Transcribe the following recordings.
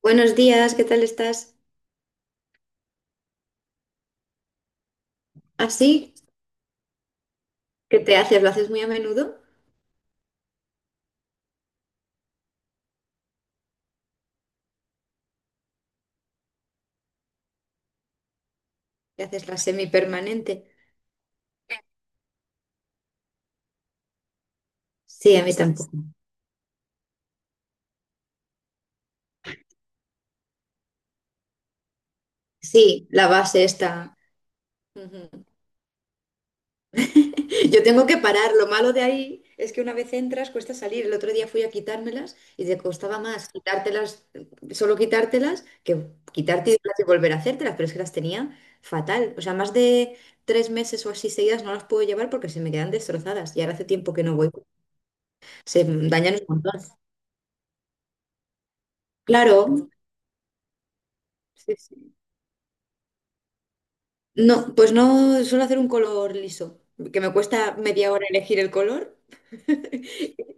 Buenos días, ¿qué tal estás? ¿Así? ¿Qué te haces? ¿Lo haces muy a menudo? ¿Te haces la semipermanente? Sí, a mí tampoco. Sí, la base está. Ujú. Yo tengo que parar. Lo malo de ahí es que una vez entras cuesta salir. El otro día fui a quitármelas y te costaba más quitártelas, solo quitártelas, que quitarte y volver a hacértelas, pero es que las tenía fatal. O sea, más de 3 meses o así seguidas no las puedo llevar porque se me quedan destrozadas y ahora hace tiempo que no voy. Se dañan un montón. Claro. Sí, sí. No, pues no suelo hacer un color liso, que me cuesta media hora elegir el color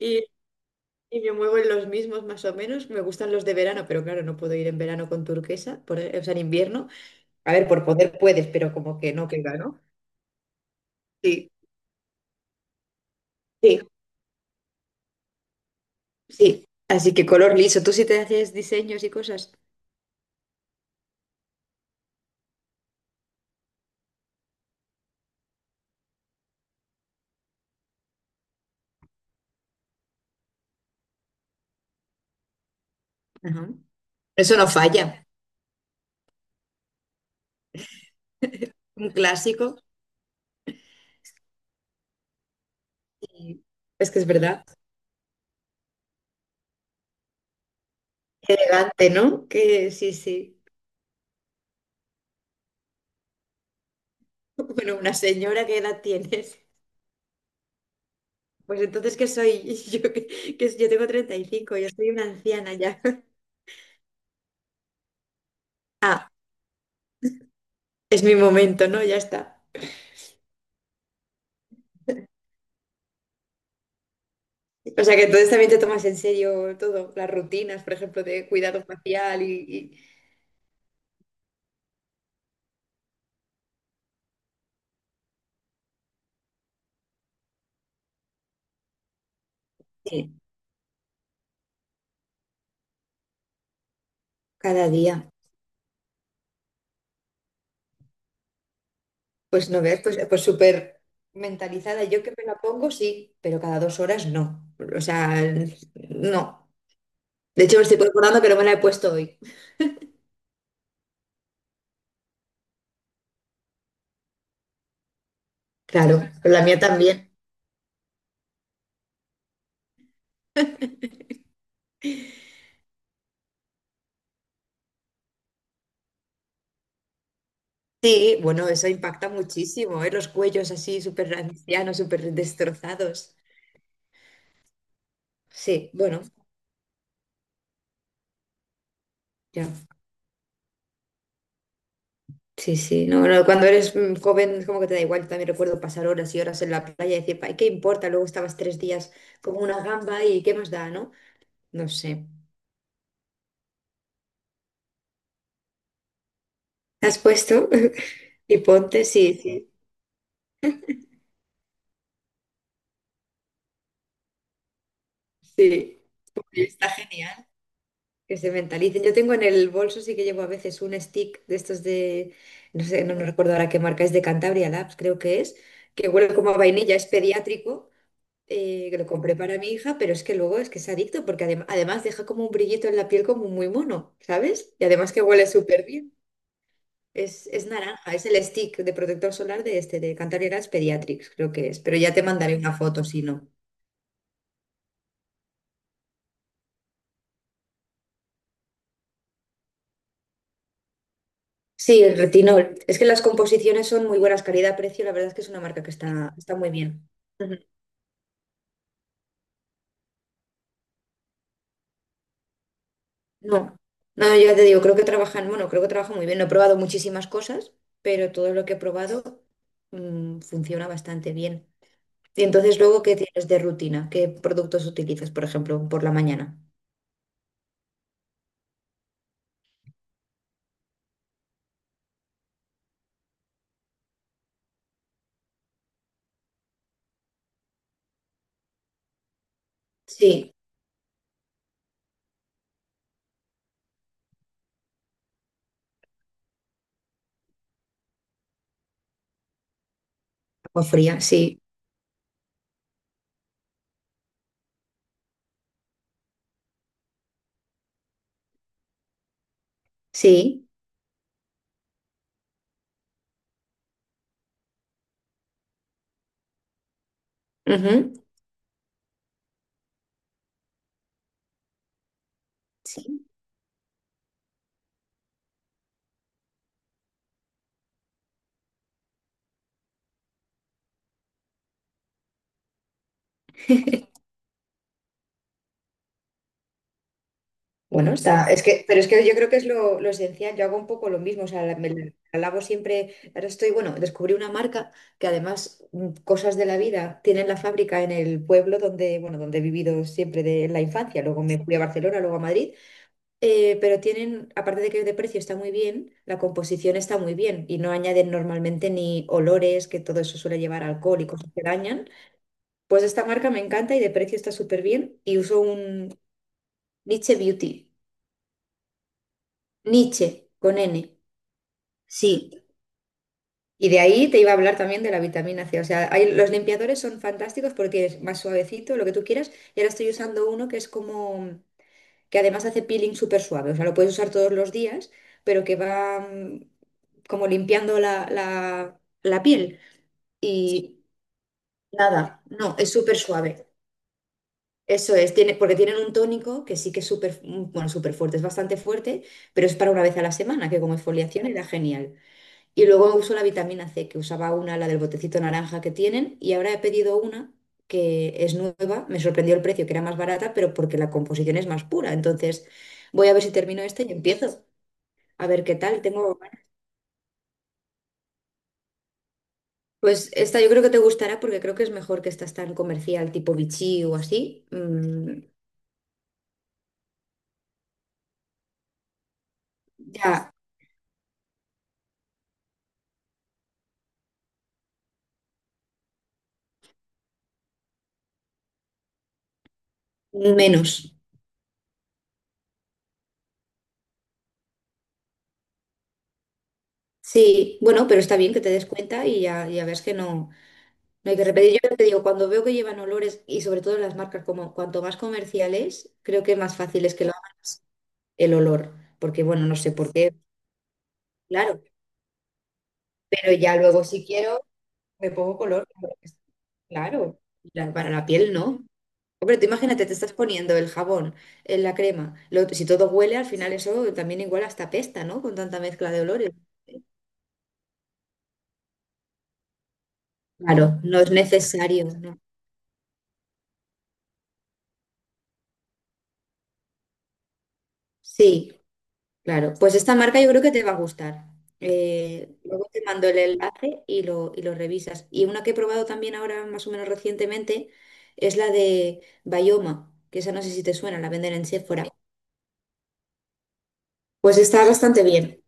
y, y me muevo en los mismos más o menos. Me gustan los de verano, pero claro, no puedo ir en verano con turquesa, o sea, en invierno. A ver, por poder puedes, pero como que no queda, ¿no? Sí, sí, sí. Así que color liso. Tú sí te haces diseños y cosas. Ajá. Eso no falla. Un clásico. y- Es que es verdad. Elegante, ¿no? Que sí, sí. Bueno, una señora, ¿qué edad tienes? Pues entonces, ¿qué soy? Yo, que yo tengo 35, yo soy una anciana ya. Ah, es mi momento, ¿no? Ya está. O sea que entonces también te tomas en serio todo, las rutinas, por ejemplo, de cuidado facial Sí. Cada día. Pues no ves, pues súper mentalizada. Yo que me la pongo, sí, pero cada 2 horas no. O sea, no. De hecho, me estoy recordando que no me la he puesto hoy. Claro, pero la mía también. Sí, bueno, eso impacta muchísimo, ¿eh? Los cuellos así súper ancianos, súper destrozados. Sí, bueno, ya. Sí, sí, no, no, cuando eres joven como que te da igual, también recuerdo pasar horas y horas en la playa y decir, "Ay, ¿qué importa?" Luego estabas 3 días como una gamba y ¿qué más da, no? No sé. ¿Te has puesto? Y ponte, sí, sí, sí. Está genial, que se mentalicen. Yo tengo en el bolso, sí que llevo a veces un stick de estos de, no sé, no, no recuerdo ahora qué marca es, de Cantabria Labs, creo que es, que huele como a vainilla, es pediátrico, que lo compré para mi hija, pero es que luego es que es adicto, porque además deja como un brillito en la piel como muy mono, ¿sabes? Y además que huele súper bien. Es naranja, es el stick de protector solar de este, de Cantabria Labs Pediatrics, creo que es, pero ya te mandaré una foto si no. Sí, el retinol. Es que las composiciones son muy buenas, calidad-precio. La verdad es que es una marca que está muy bien. Ujú. No, no, ya te digo, creo que trabajan, bueno, creo que trabajan muy bien. No he probado muchísimas cosas, pero todo lo que he probado funciona bastante bien. Y entonces, luego, ¿qué tienes de rutina? ¿Qué productos utilizas, por ejemplo, por la mañana? Sí, agua fría, sí, sí. Ujú. Sí. Bueno, está, es que, pero es que yo creo que es lo esencial, yo hago un poco lo mismo, o sea, me la alabo siempre, ahora estoy, bueno, descubrí una marca que además cosas de la vida tienen la fábrica en el pueblo donde, bueno, donde he vivido siempre de la infancia, luego me fui a Barcelona, luego a Madrid, pero tienen, aparte de que de precio está muy bien, la composición está muy bien y no añaden normalmente ni olores, que todo eso suele llevar alcohol y cosas que dañan, pues esta marca me encanta y de precio está súper bien y uso un Niche Beauty. Nietzsche, con N. Sí. Y de ahí te iba a hablar también de la vitamina C. O sea, los limpiadores son fantásticos porque es más suavecito, lo que tú quieras. Y ahora estoy usando uno que es como, que además hace peeling súper suave. O sea, lo puedes usar todos los días, pero que va como limpiando la piel. Sí, y nada, no, es súper suave. Eso es, tiene, porque tienen un tónico que sí que es súper, bueno, súper fuerte, es bastante fuerte, pero es para una vez a la semana, que como exfoliación era genial. Y luego uso la vitamina C, que usaba una, la del botecito naranja que tienen, y ahora he pedido una que es nueva. Me sorprendió el precio, que era más barata, pero porque la composición es más pura. Entonces, voy a ver si termino esta y empiezo. A ver qué tal. Tengo. Pues esta yo creo que te gustará porque creo que es mejor que estas tan comercial, tipo Vichy o así. Ya, menos. Sí, bueno, pero está bien que te des cuenta y ya ves que no. No hay que repetir. Yo te digo, cuando veo que llevan olores y sobre todo las marcas, como cuanto más comerciales, creo que más fácil es que lo hagas el olor. Porque, bueno, no sé por qué, claro. Pero ya luego, si quiero, me pongo color. Claro. Para la piel, no. Hombre, tú imagínate, te estás poniendo el jabón en la crema. Si todo huele, al final eso también igual hasta pesta, ¿no? Con tanta mezcla de olores. Claro, no es necesario, ¿no? Sí. Claro, pues esta marca yo creo que te va a gustar. Luego te mando el enlace y lo revisas. Y una que he probado también ahora más o menos recientemente es la de Bayoma, que esa no sé si te suena, la venden en Sephora. Pues está bastante bien.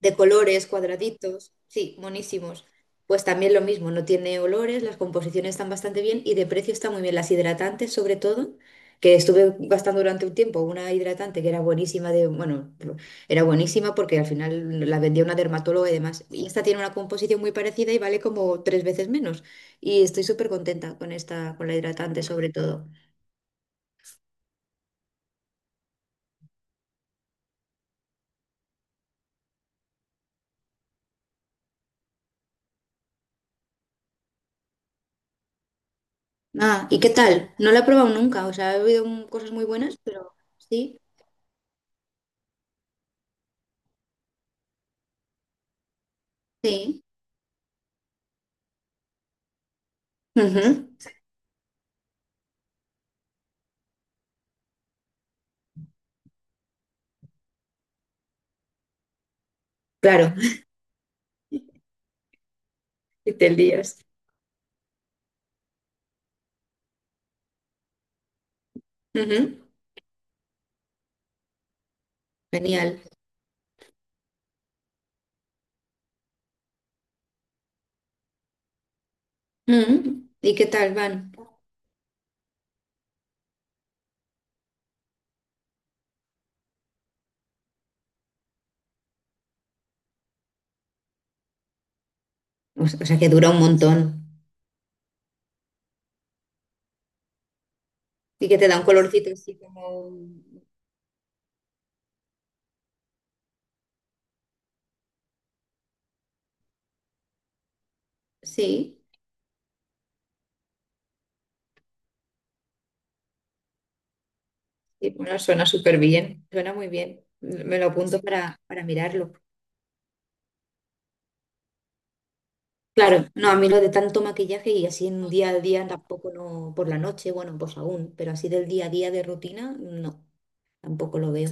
De colores, cuadraditos, sí, monísimos. Pues también lo mismo, no tiene olores, las composiciones están bastante bien y de precio está muy bien. Las hidratantes, sobre todo, que estuve gastando durante un tiempo una hidratante que era buenísima, de, bueno, era buenísima porque al final la vendía una dermatóloga y demás. Y esta tiene una composición muy parecida y vale como tres veces menos. Y estoy súper contenta con esta, con la hidratante, sobre todo. Ah, ¿y qué tal? No la he probado nunca, o sea, he oído cosas muy buenas, pero sí, sí. Ujú. Claro. 7 días. Ujú. Genial. Ujú. ¿Y qué tal van? O sea, que dura un montón. Y que te da un colorcito así como... Sí, y bueno, suena súper bien. Suena muy bien. Me lo apunto para mirarlo. Claro, no, a mí lo de tanto maquillaje y así en día a día tampoco no, por la noche, bueno, pues aún, pero así del día a día de rutina, no, tampoco lo veo.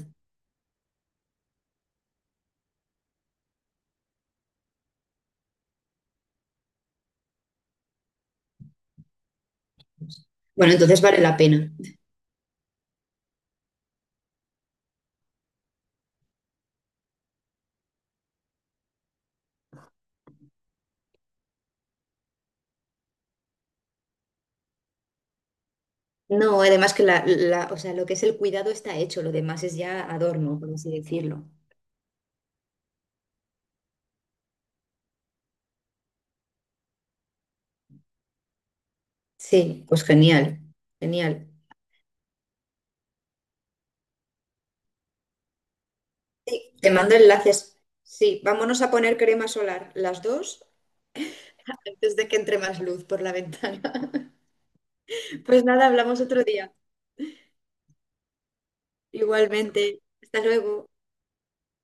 Bueno, entonces vale la pena. No, además que o sea, lo que es el cuidado está hecho, lo demás es ya adorno, por así decirlo. Sí, pues genial, genial. Te mando enlaces. Sí, vámonos a poner crema solar, las dos, antes de que entre más luz por la ventana. Pues nada, hablamos otro día. Igualmente. Hasta luego.